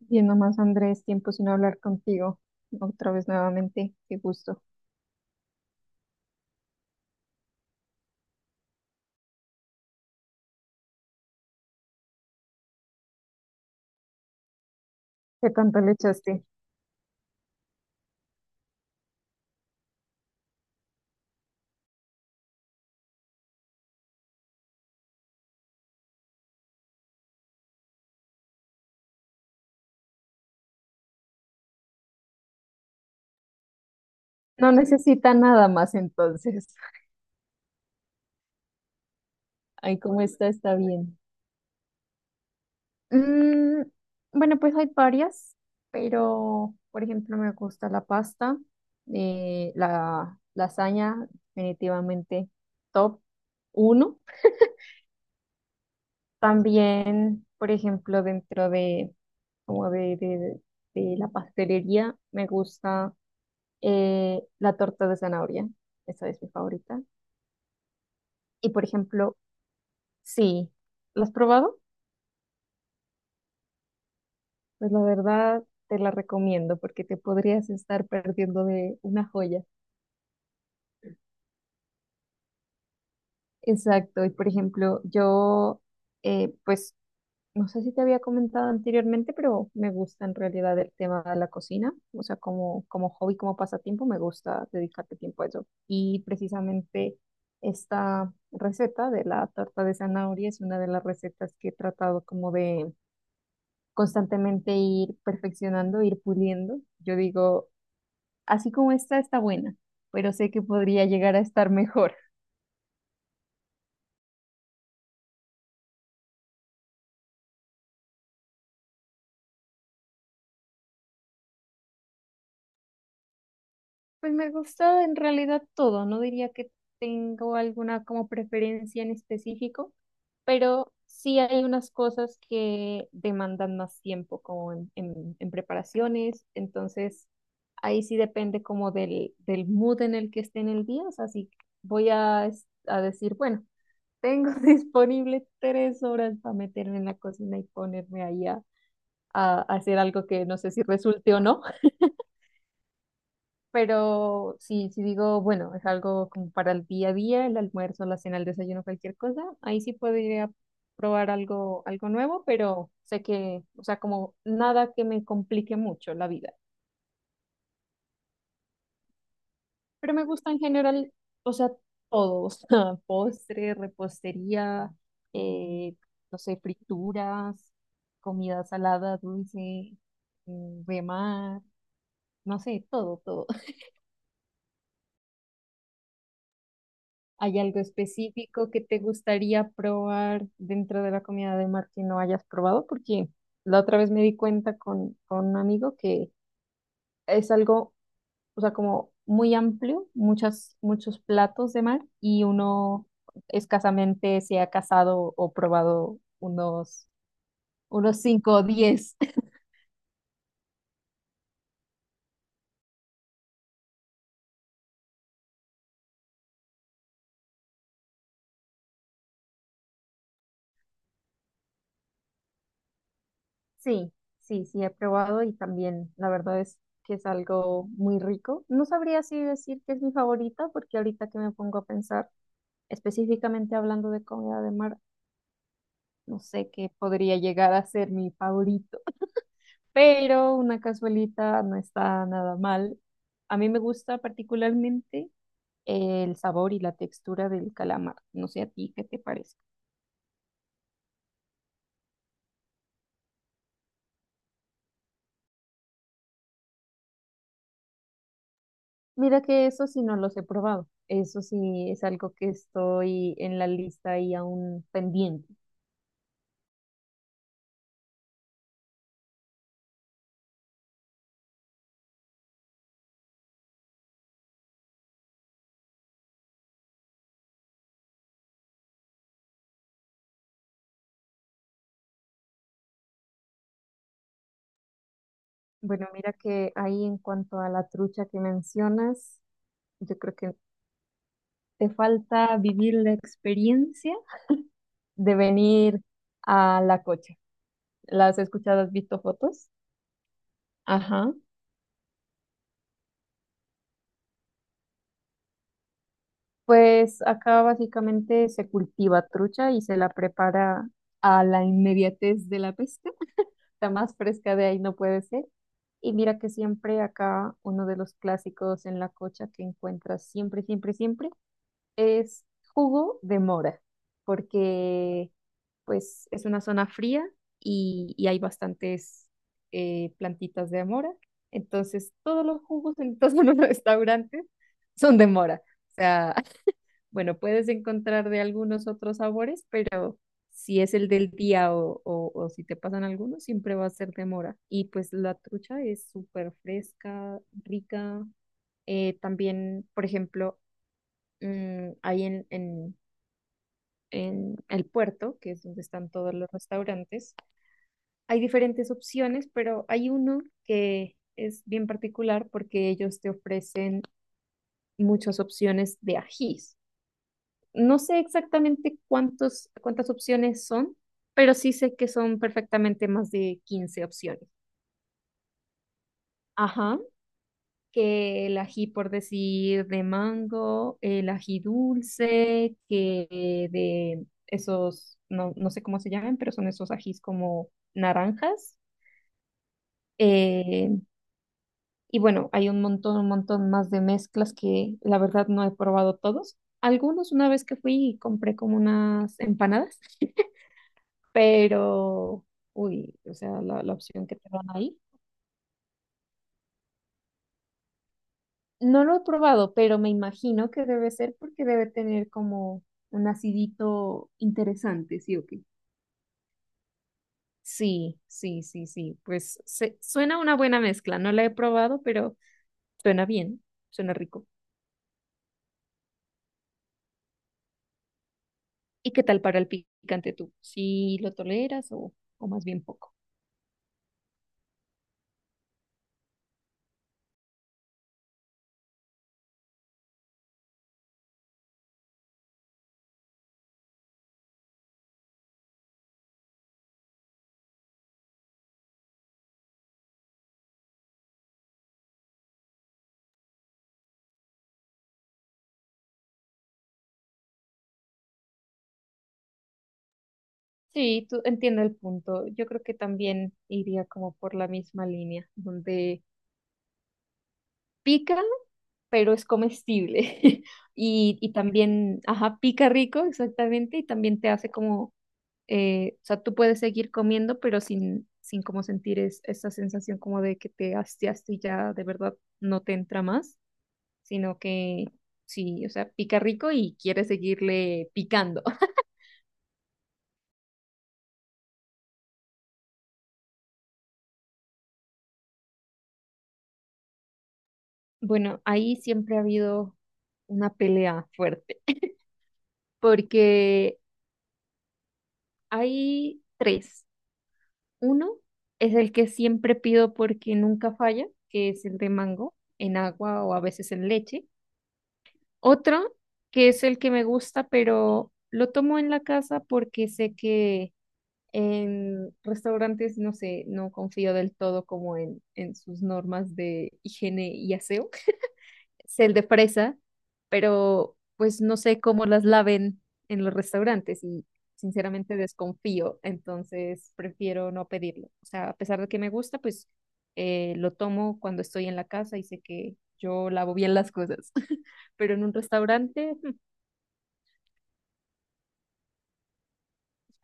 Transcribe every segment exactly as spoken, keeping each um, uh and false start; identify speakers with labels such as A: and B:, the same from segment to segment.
A: Bien, nomás Andrés, tiempo sin hablar contigo. Otra vez nuevamente, qué gusto. ¿Qué tanto le echaste? No necesita nada más entonces. Ay, cómo está, está bien. Mm, bueno, pues hay varias, pero por ejemplo me gusta la pasta, eh, la lasaña, definitivamente top uno. También, por ejemplo, dentro de como de, de- de la pastelería, me gusta Eh, la torta de zanahoria, esa es mi favorita. Y por ejemplo, sí, ¿la has probado? Pues la verdad te la recomiendo porque te podrías estar perdiendo de una joya. Exacto, y por ejemplo, yo eh, pues no sé si te había comentado anteriormente, pero me gusta en realidad el tema de la cocina. O sea, como, como hobby, como pasatiempo, me gusta dedicarle tiempo a eso. Y precisamente esta receta de la torta de zanahoria es una de las recetas que he tratado como de constantemente ir perfeccionando, ir puliendo. Yo digo, así como esta está buena, pero sé que podría llegar a estar mejor. Pues me gusta en realidad todo, no diría que tengo alguna como preferencia en específico, pero sí hay unas cosas que demandan más tiempo como en, en- en preparaciones, entonces ahí sí depende como del, del mood en el que esté en el día, o sea, si voy a, es- a decir, bueno, tengo disponible tres horas para meterme en la cocina y ponerme ahí a, a hacer algo que no sé si resulte o no. Pero si, si digo, bueno, es algo como para el día a día, el almuerzo, la cena, el desayuno, cualquier cosa, ahí sí podría probar algo, algo nuevo, pero sé que, o sea, como nada que me complique mucho la vida. Pero me gusta en general, o sea, todo, o sea, postre, repostería, eh, no sé, frituras, comida salada, dulce, mm, de mar, no sé, todo, todo. ¿Hay algo específico que te gustaría probar dentro de la comida de mar que no hayas probado? Porque la otra vez me di cuenta con, con un amigo que es algo, o sea, como muy amplio, muchas, muchos platos de mar y uno escasamente se ha casado o probado unos, unos cinco o diez. Sí, sí, sí, he probado y también la verdad es que es algo muy rico. No sabría si decir que es mi favorita porque ahorita que me pongo a pensar específicamente hablando de comida de mar, no sé qué podría llegar a ser mi favorito, pero una cazuelita no está nada mal. A mí me gusta particularmente el sabor y la textura del calamar. No sé a ti qué te parece. Mira que eso sí no los he probado. Eso sí es algo que estoy en la lista y aún pendiente. Bueno, mira que ahí en cuanto a la trucha que mencionas, yo creo que te falta vivir la experiencia de venir a la cocha. ¿Las has escuchado? ¿Has visto fotos? Ajá. Pues acá básicamente se cultiva trucha y se la prepara a la inmediatez de la pesca. La más fresca de ahí no puede ser. Y mira que siempre acá uno de los clásicos en la cocha que encuentras siempre, siempre, siempre es jugo de mora, porque pues es una zona fría y, y hay bastantes eh, plantitas de mora. Entonces, todos los jugos en todos los restaurantes son de mora. O sea, bueno, puedes encontrar de algunos otros sabores, pero si es el del día o, o, o si te pasan algunos, siempre va a ser de mora. Y pues la trucha es súper fresca, rica. Eh, también, por ejemplo, mm, hay en, en, en el puerto, que es donde están todos los restaurantes, hay diferentes opciones, pero hay uno que es bien particular porque ellos te ofrecen muchas opciones de ajís. No sé exactamente cuántos, cuántas opciones son, pero sí sé que son perfectamente más de quince opciones. Ajá, que el ají, por decir, de mango, el ají dulce, que de esos, no, no sé cómo se llaman, pero son esos ajís como naranjas. Eh, Y bueno, hay un montón, un montón más de mezclas que la verdad no he probado todos. Algunos una vez que fui compré como unas empanadas, pero, uy, o sea, la, la opción que te dan ahí. No lo he probado, pero me imagino que debe ser porque debe tener como un acidito interesante, ¿sí o qué? Sí, sí, sí, sí. Pues se- suena una buena mezcla. No la he probado, pero suena bien, suena rico. ¿Y qué tal para el picante tú? ¿Sí lo toleras o, o más bien poco? Sí, tú entiendo el punto. Yo creo que también iría como por la misma línea, donde pica, pero es comestible. Y, y también, ajá, pica rico, exactamente, y también te hace como, eh, o sea, tú puedes seguir comiendo, pero sin, sin como sentir es- esa sensación como de que te hastiaste y ya de verdad no te entra más, sino que sí, o sea, pica rico y quieres seguirle picando. Bueno, ahí siempre ha habido una pelea fuerte, porque hay tres. Uno es el que siempre pido porque nunca falla, que es el de mango, en agua o a veces en leche. Otro, que es el que me gusta, pero lo tomo en la casa porque sé que en restaurantes, no sé, no confío del todo como en, en sus normas de higiene y aseo. Es el de fresa, pero pues no sé cómo las laven en los restaurantes y sinceramente desconfío, entonces prefiero no pedirlo. O sea, a pesar de que me gusta, pues eh, lo tomo cuando estoy en la casa y sé que yo lavo bien las cosas, pero en un restaurante, mm,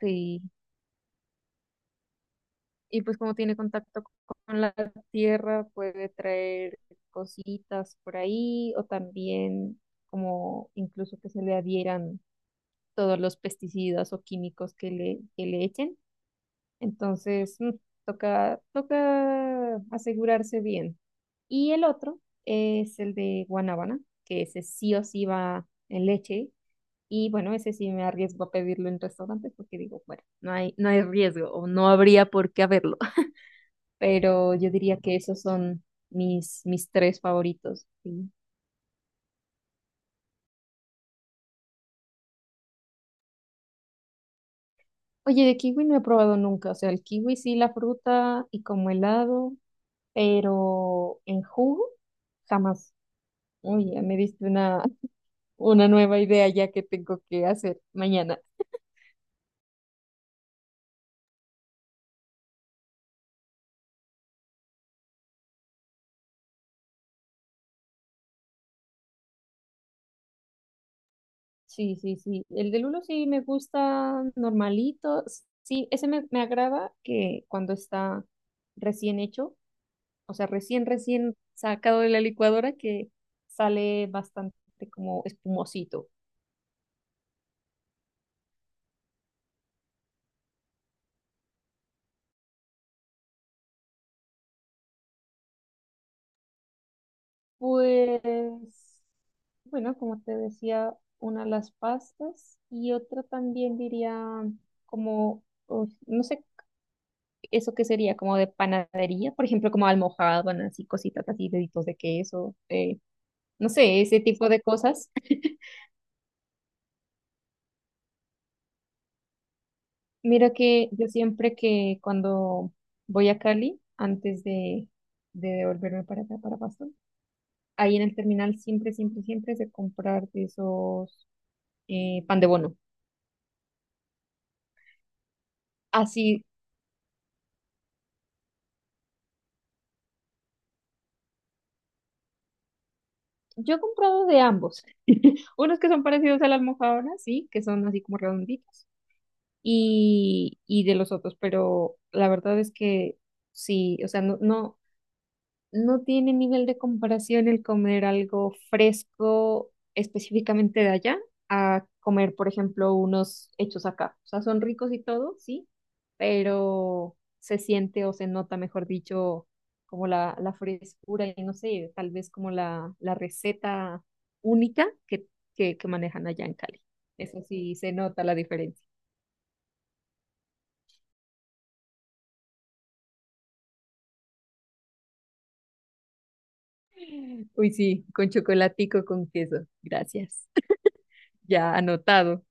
A: sí. Y pues como tiene contacto con la tierra, puede traer cositas por ahí o también como incluso que se le adhieran todos los pesticidas o químicos que le, que le echen. Entonces, mm, toca, toca asegurarse bien. Y el otro es el de guanábana, que ese sí o sí va en leche. Y bueno, ese sí me arriesgo a pedirlo en restaurantes porque digo, bueno, no hay, no hay riesgo o no habría por qué haberlo. Pero yo diría que esos son mis, mis tres favoritos. Sí. Oye, de kiwi no he probado nunca. O sea, el kiwi sí, la fruta y como helado, pero en jugo jamás. Uy, ya me diste una, una nueva idea ya que tengo que hacer mañana. Sí, sí, sí. El de lulo sí me gusta normalito. S- Sí, ese me, me agrada que cuando está recién hecho, o sea, recién, recién sacado de la licuadora, que sale bastante como espumosito. Pues, bueno, como te decía, una las pastas y otra también diría como, uf, no sé, eso qué sería, como de panadería, por ejemplo, como almojábanas así cositas así, deditos de queso, eh, no sé, ese tipo de cosas. Mira que yo siempre que cuando voy a Cali, antes de, de devolverme para acá, para Pasto, ahí en el terminal siempre, siempre, siempre es de comprar de esos eh, pan de bono. Así yo he comprado de ambos. Unos que son parecidos a la almojábana, sí, que son así como redonditos, y, y de los otros, pero la verdad es que sí, o sea, no, no, no tiene nivel de comparación el comer algo fresco específicamente de allá a comer, por ejemplo, unos hechos acá. O sea, son ricos y todo, sí, pero se siente o se nota, mejor dicho, como la, la frescura y no sé, tal vez como la, la receta única que, que, que manejan allá en Cali. Eso sí, se nota la diferencia. Uy, sí, con chocolatico, con queso. Gracias. Ya anotado.